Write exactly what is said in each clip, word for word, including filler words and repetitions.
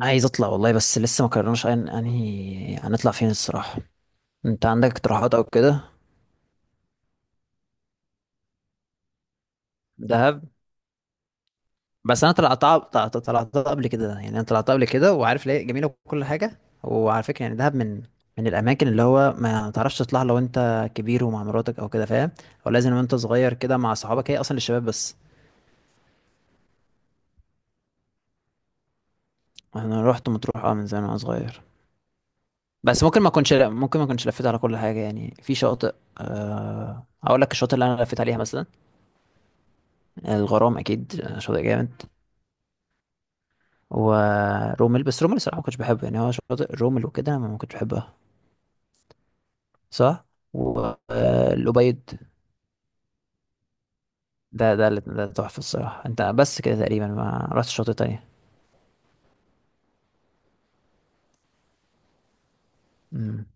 عايز اطلع والله، بس لسه ما قررناش أن- انهي هنطلع فين الصراحه. انت عندك اقتراحات او كده؟ دهب. بس انا طلعت طلعت طلعت قبل كده، يعني انا طلعت قبل كده وعارف ليه جميله وكل حاجه. وعلى فكره يعني دهب من من الاماكن اللي هو ما تعرفش تطلع لو انت كبير ومع مراتك او كده، فاهم؟ هو لازم وانت صغير كده مع صحابك، هي اصلا للشباب بس. انا رحت مطروح اه من زمان وانا صغير. بس ممكن ما اكونش ممكن ما اكونش لفيت على كل حاجه، يعني في شاطئ. أه... اقول لك الشاطئ اللي انا لفيت عليها مثلا: الغرام اكيد، شاطئ جامد. ورومل، بس رومل الصراحه ما كنتش بحبه، يعني هو شاطئ رومل وكده ما ما كنتش بحبها. صح. والأبيض. ده ده اللي- ده تحفه الصراحه، انت بس كده تقريبا ما رحتش شاطئ تانية. امم.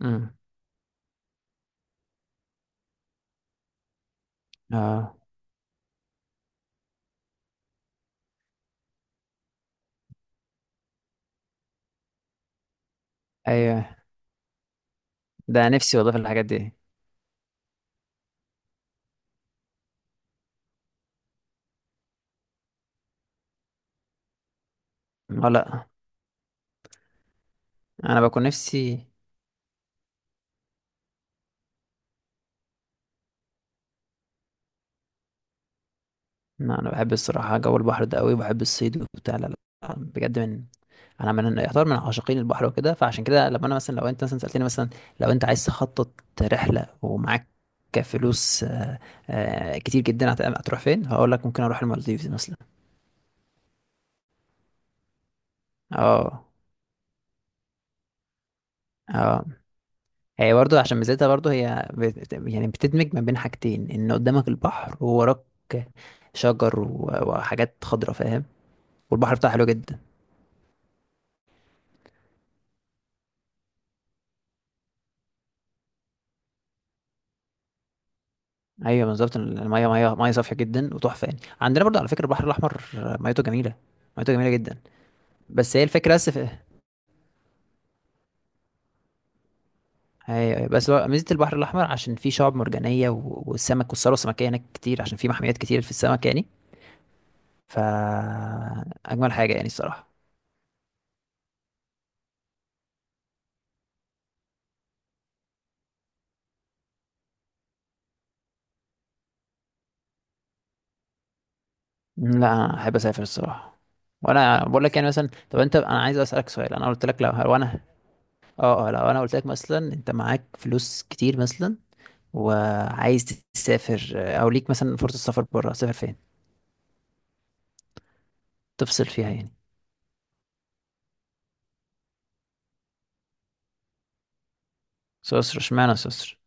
امم. اه. ايوه. ده نفسي والله في الحاجات دي. اه، لا. انا بكون نفسي. لا، انا بحب الصراحه جو البحر ده قوي، وبحب الصيد وبتاع. لا لا، بجد. من انا من يعتبر من عاشقين البحر وكده، فعشان كده لما انا مثلا لو انت مثلا سالتني مثلا لو انت عايز تخطط رحله، ومعاك فلوس آه، آه، كتير جدا، هت- هتروح فين؟ هقول لك ممكن اروح المالديفز مثلا. اه. اه، هي برضو عشان ميزتها، برضو هي بت- يعني بتدمج ما بين حاجتين، ان قدامك البحر ووراك شجر و- وحاجات خضرا، فاهم؟ والبحر بتاعها حلو جدا. ايوه بالظبط، الميه ميه ميه صافيه جدا وتحفه. يعني عندنا برضو على فكره البحر الاحمر ميته جميله، ميته جميله جدا. بس هي الفكرة بس. أيوة أيوة. بس هو ميزة البحر الأحمر عشان فيه شعاب مرجانية و- والسمك، والثروة السمكية هناك كتير عشان فيه محميات كتير في السمك يعني. فأجمل حاجة يعني الصراحة. م، لا، أنا أحب أسافر الصراحة. وأنا بقول لك يعني مثلا. طب أنت، أنا عايز أسألك سؤال. أنا قلت لك لو لو أنا... أه أه لو أنا قلت لك مثلا أنت معاك فلوس كتير مثلا، وعايز تسافر، أو ليك مثلا فرصة سفر بره، تسافر فين؟ تفصل فيها يعني. سويسرا؟ اشمعنى سويسرا؟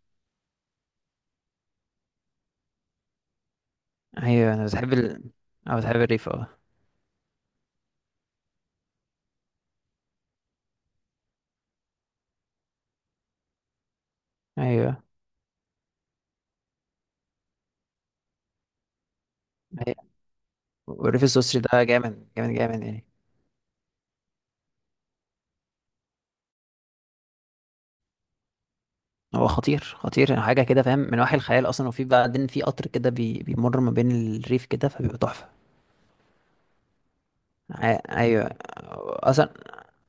أيوة أنا بتحب ال أه، بتحب الريف، أه. أيوة أيوة. وريف السوسري ده جامد جامد جامد يعني. هو خطير خطير يعني، حاجة كده فاهم من وحي الخيال أصلا. وفي بعدين في قطر كده بي... بيمر ما بين الريف كده فبيبقى تحفة. ع- أيوة. أصلا.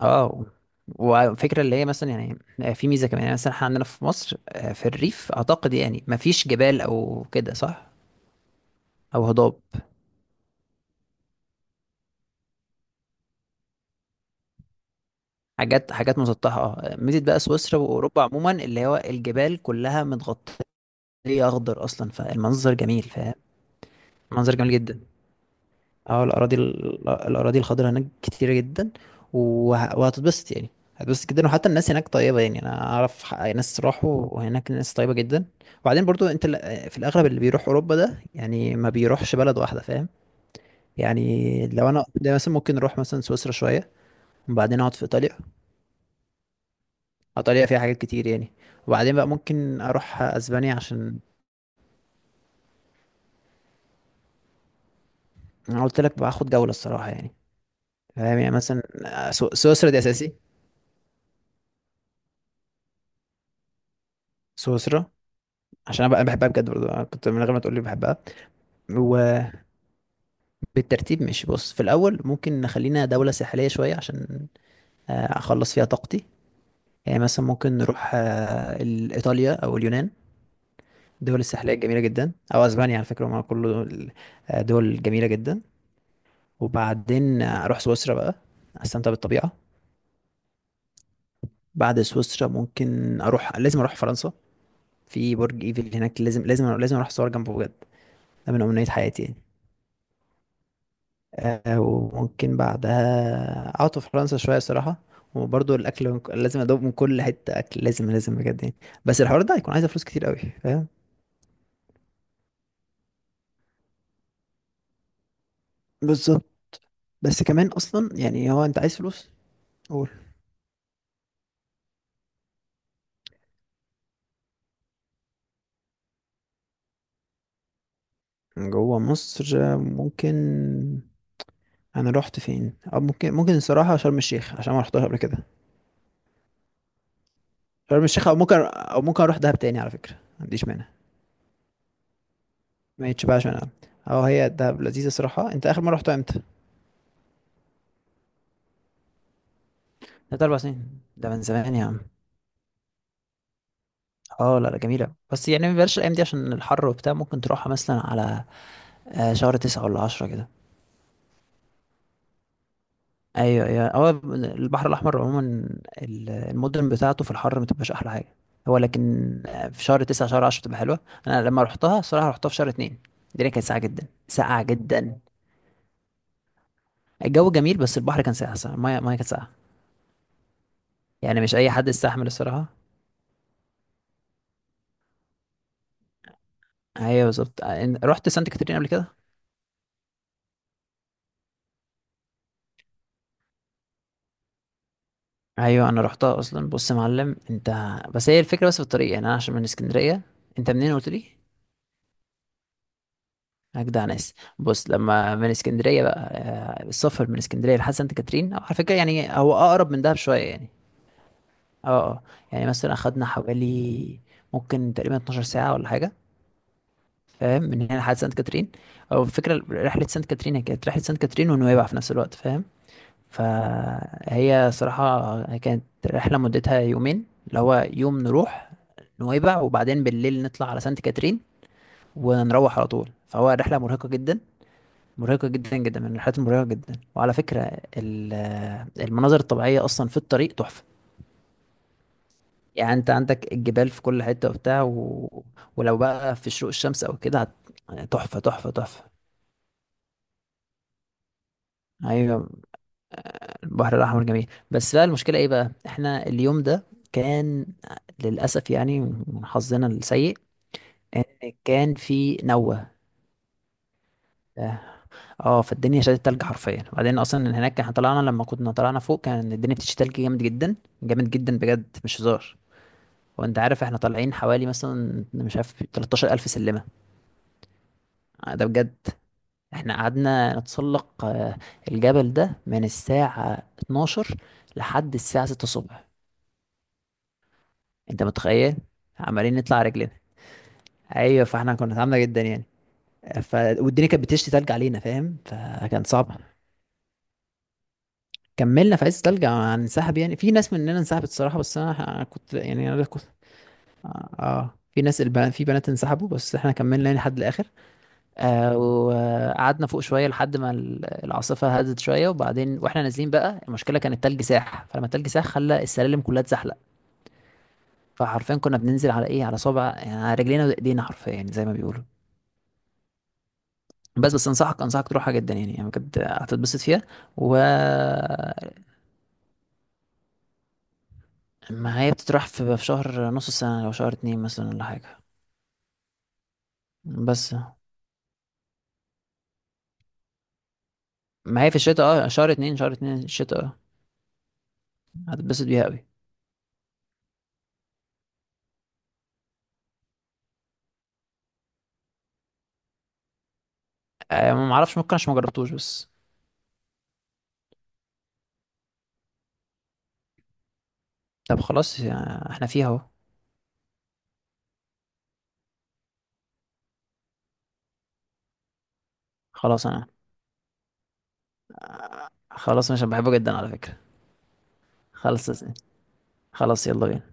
اه. وفكرة اللي هي مثلا يعني آه، في ميزة كمان، يعني مثلا احنا عندنا في مصر آه، في الريف أعتقد يعني مفيش جبال أو كده، صح؟ أو هضاب. حاجات حاجات مسطحة. اه، ميزة بقى سويسرا وأوروبا عموما اللي هو الجبال كلها متغطية أخضر أصلا، فالمنظر جميل، فاهم؟ منظر جميل جدا. اه، الاراضي الاراضي الخضراء هناك كتيرة جدا. وه- وهتتبسط يعني، هتتبسط جدا. وحتى الناس هناك طيبة، يعني انا اعرف ح- ناس راحوا وهناك الناس طيبة جدا. وبعدين برضو انت ال- في الاغلب اللي بيروح اوروبا ده يعني ما بيروحش بلد واحدة، فاهم يعني؟ لو انا ده مثلا ممكن اروح مثلا سويسرا شوية، وبعدين اقعد في ايطاليا. ايطاليا فيها حاجات كتير يعني. وبعدين بقى ممكن اروح اسبانيا عشان... انا قلت لك باخد جولة الصراحة يعني. فاهم يعني مثلا آه، سو- سويسرا دي اساسي. سويسرا عشان انا بقى بحبها بجد برضه، أنا كنت من غير ما تقول لي بحبها. وبالترتيب ماشي. بص في الاول ممكن نخلينا دوله ساحليه شويه عشان آه، اخلص فيها طاقتي. يعني مثلا ممكن نروح آه، ال- ايطاليا او اليونان. الدول الساحليه جميله جدا، او اسبانيا على فكره، هم كله دول آه، دول جميله جدا. وبعدين آه، اروح سويسرا بقى، استمتع بالطبيعه. بعد سويسرا ممكن اروح، لازم اروح فرنسا. في برج ايفل هناك، لازم لازم لازم اروح اصور جنبه بجد، ده من امنيات حياتي يعني. آه، وممكن بعدها قعدت في فرنسا شوية صراحة. وبرضه الأكل من- لازم أدوق من كل حتة أكل، لازم لازم بجد يعني. بس الحوار ده هيكون عايز فلوس كتير قوي، فاهم؟ بالظبط. بس كمان أصلا يعني هو أنت عايز فلوس. قول. جوه مصر آه، ممكن... أنا رحت فين؟ أو ممكن ممكن الصراحة شرم الشيخ عشان ما رحتهاش قبل كده. شرم الشيخ أو ممكن، أو ممكن أروح دهب تاني على فكرة، ما عنديش مانع. ما يتشبعش منها. أه، هي دهب لذيذة صراحة. أنت آخر مرة رحتها إمتى؟ تلات أربع سنين ده من زمان يا عم. اه لا لا، جميلة، بس يعني ما بلاش الأيام دي عشان الحر وبتاع. ممكن تروحها مثلا على آه، شهر تسعة ولا عشرة كده. أيوة أيوة. هو البحر الأحمر عموما ال- المدن بتاعته في الحر ما تبقاش أحلى حاجة. هو لكن آه، في شهر تسعة شهر عشرة بتبقى حلوة. أنا لما روحتها الصراحة روحتها في شهر اتنين، الدنيا كانت ساقعة جدا ساقعة جدا. الجو جميل بس البحر كان ساقع الصراحة. المية المية كانت ساقعة. يعني مش أي حد يستحمل الصراحة. أيوة بالظبط. آه، إن- رحت سانت كاترين قبل كده. ايوه انا رحتها اصلا. بص يا معلم انت، بس هي الفكره بس، في الطريق يعني انا عشان من اسكندريه. انت منين قلت لي؟ اجدع ناس. بص لما من اسكندريه بقى آه، السفر من اسكندريه لحد سانت كاترين أو على فكره، يعني هو اقرب من دهب شويه يعني. اه اه يعني مثلا اخدنا حوالي ممكن تقريبا اتناشر ساعة ساعه ولا حاجه، فاهم، من هنا لحد سانت كاترين. او الفكره رحله سانت كاترين هي كانت رحله سانت كاترين ونويبع في نفس الوقت، فاهم. فهي صراحة كانت رحلة مدتها يومين، اللي هو يوم نروح نويبع وبعدين بالليل نطلع على سانت كاترين ونروح على طول. فهو رحلة مرهقة جدا، مرهقة جدا جدا، من الرحلات المرهقة جدا. وعلى فكرة ال- المناظر الطبيعية أصلا في الطريق تحفة. يعني أنت عندك الجبال في كل حتة وبتاع و... ولو بقى في شروق الشمس أو كده هت- تحفة تحفة تحفة. أيوة. البحر الأحمر جميل. بس بقى المشكلة ايه بقى، احنا اليوم ده كان للأسف يعني، من حظنا السيء ان كان في نوة. اه، فالدنيا شدت تلج حرفيا. وبعدين اصلا إن هناك احنا طلعنا، لما كنا طلعنا فوق كان الدنيا بتشتي تلج جامد جدا، جامد جدا بجد مش هزار. وانت عارف احنا طالعين حوالي مثلا مش عارف تلتاشر الف سلمة. آه، ده بجد. احنا قعدنا نتسلق آه، الجبل ده من الساعة اتناشر لحد الساعة ستة الصبح. انت متخيل؟ عمالين نطلع رجلنا. ايوه. فاحنا كنا تعبنا جدا يعني. ف... والدنيا كانت بتشتي تلج علينا، فاهم، فكان صعب. كملنا في عز التلج. هننسحب يعني في ناس مننا انسحبت الصراحه، بس انا كنت يعني انا كنت... اه آه. في ناس البنات، في بنات انسحبوا، بس احنا كملنا يعني لحد الاخر. آه وقعدنا فوق شويه لحد ما ال- العاصفه هدت شويه. وبعدين واحنا نازلين بقى، المشكله كان التلج ساح، فلما التلج ساح خلى السلالم كلها اتزحلق. فحرفيا كنا بننزل على ايه، على صابع يعني، على رجلينا وايدينا حرفيا، يعني زي ما بيقولوا. بس بس انصحك انصحك تروحها جدا يعني، يعني بجد هتتبسط فيها. و... ما هي بتتراح في في شهر نص السنة، لو شهر اتنين مثلا ولا حاجة. بس، ما هي في الشتاء اه، شهر اتنين، شهر اتنين الشتاء، اه، هتتبسط بيها قوي. آه، ما معرفش ممكن عشان ما جربتوش بس. طب خلاص يا- احنا فيها اهو. خلاص انا خلاص انا عشان بحبه جدا على فكرة. خلاص. خلاص يلا بينا.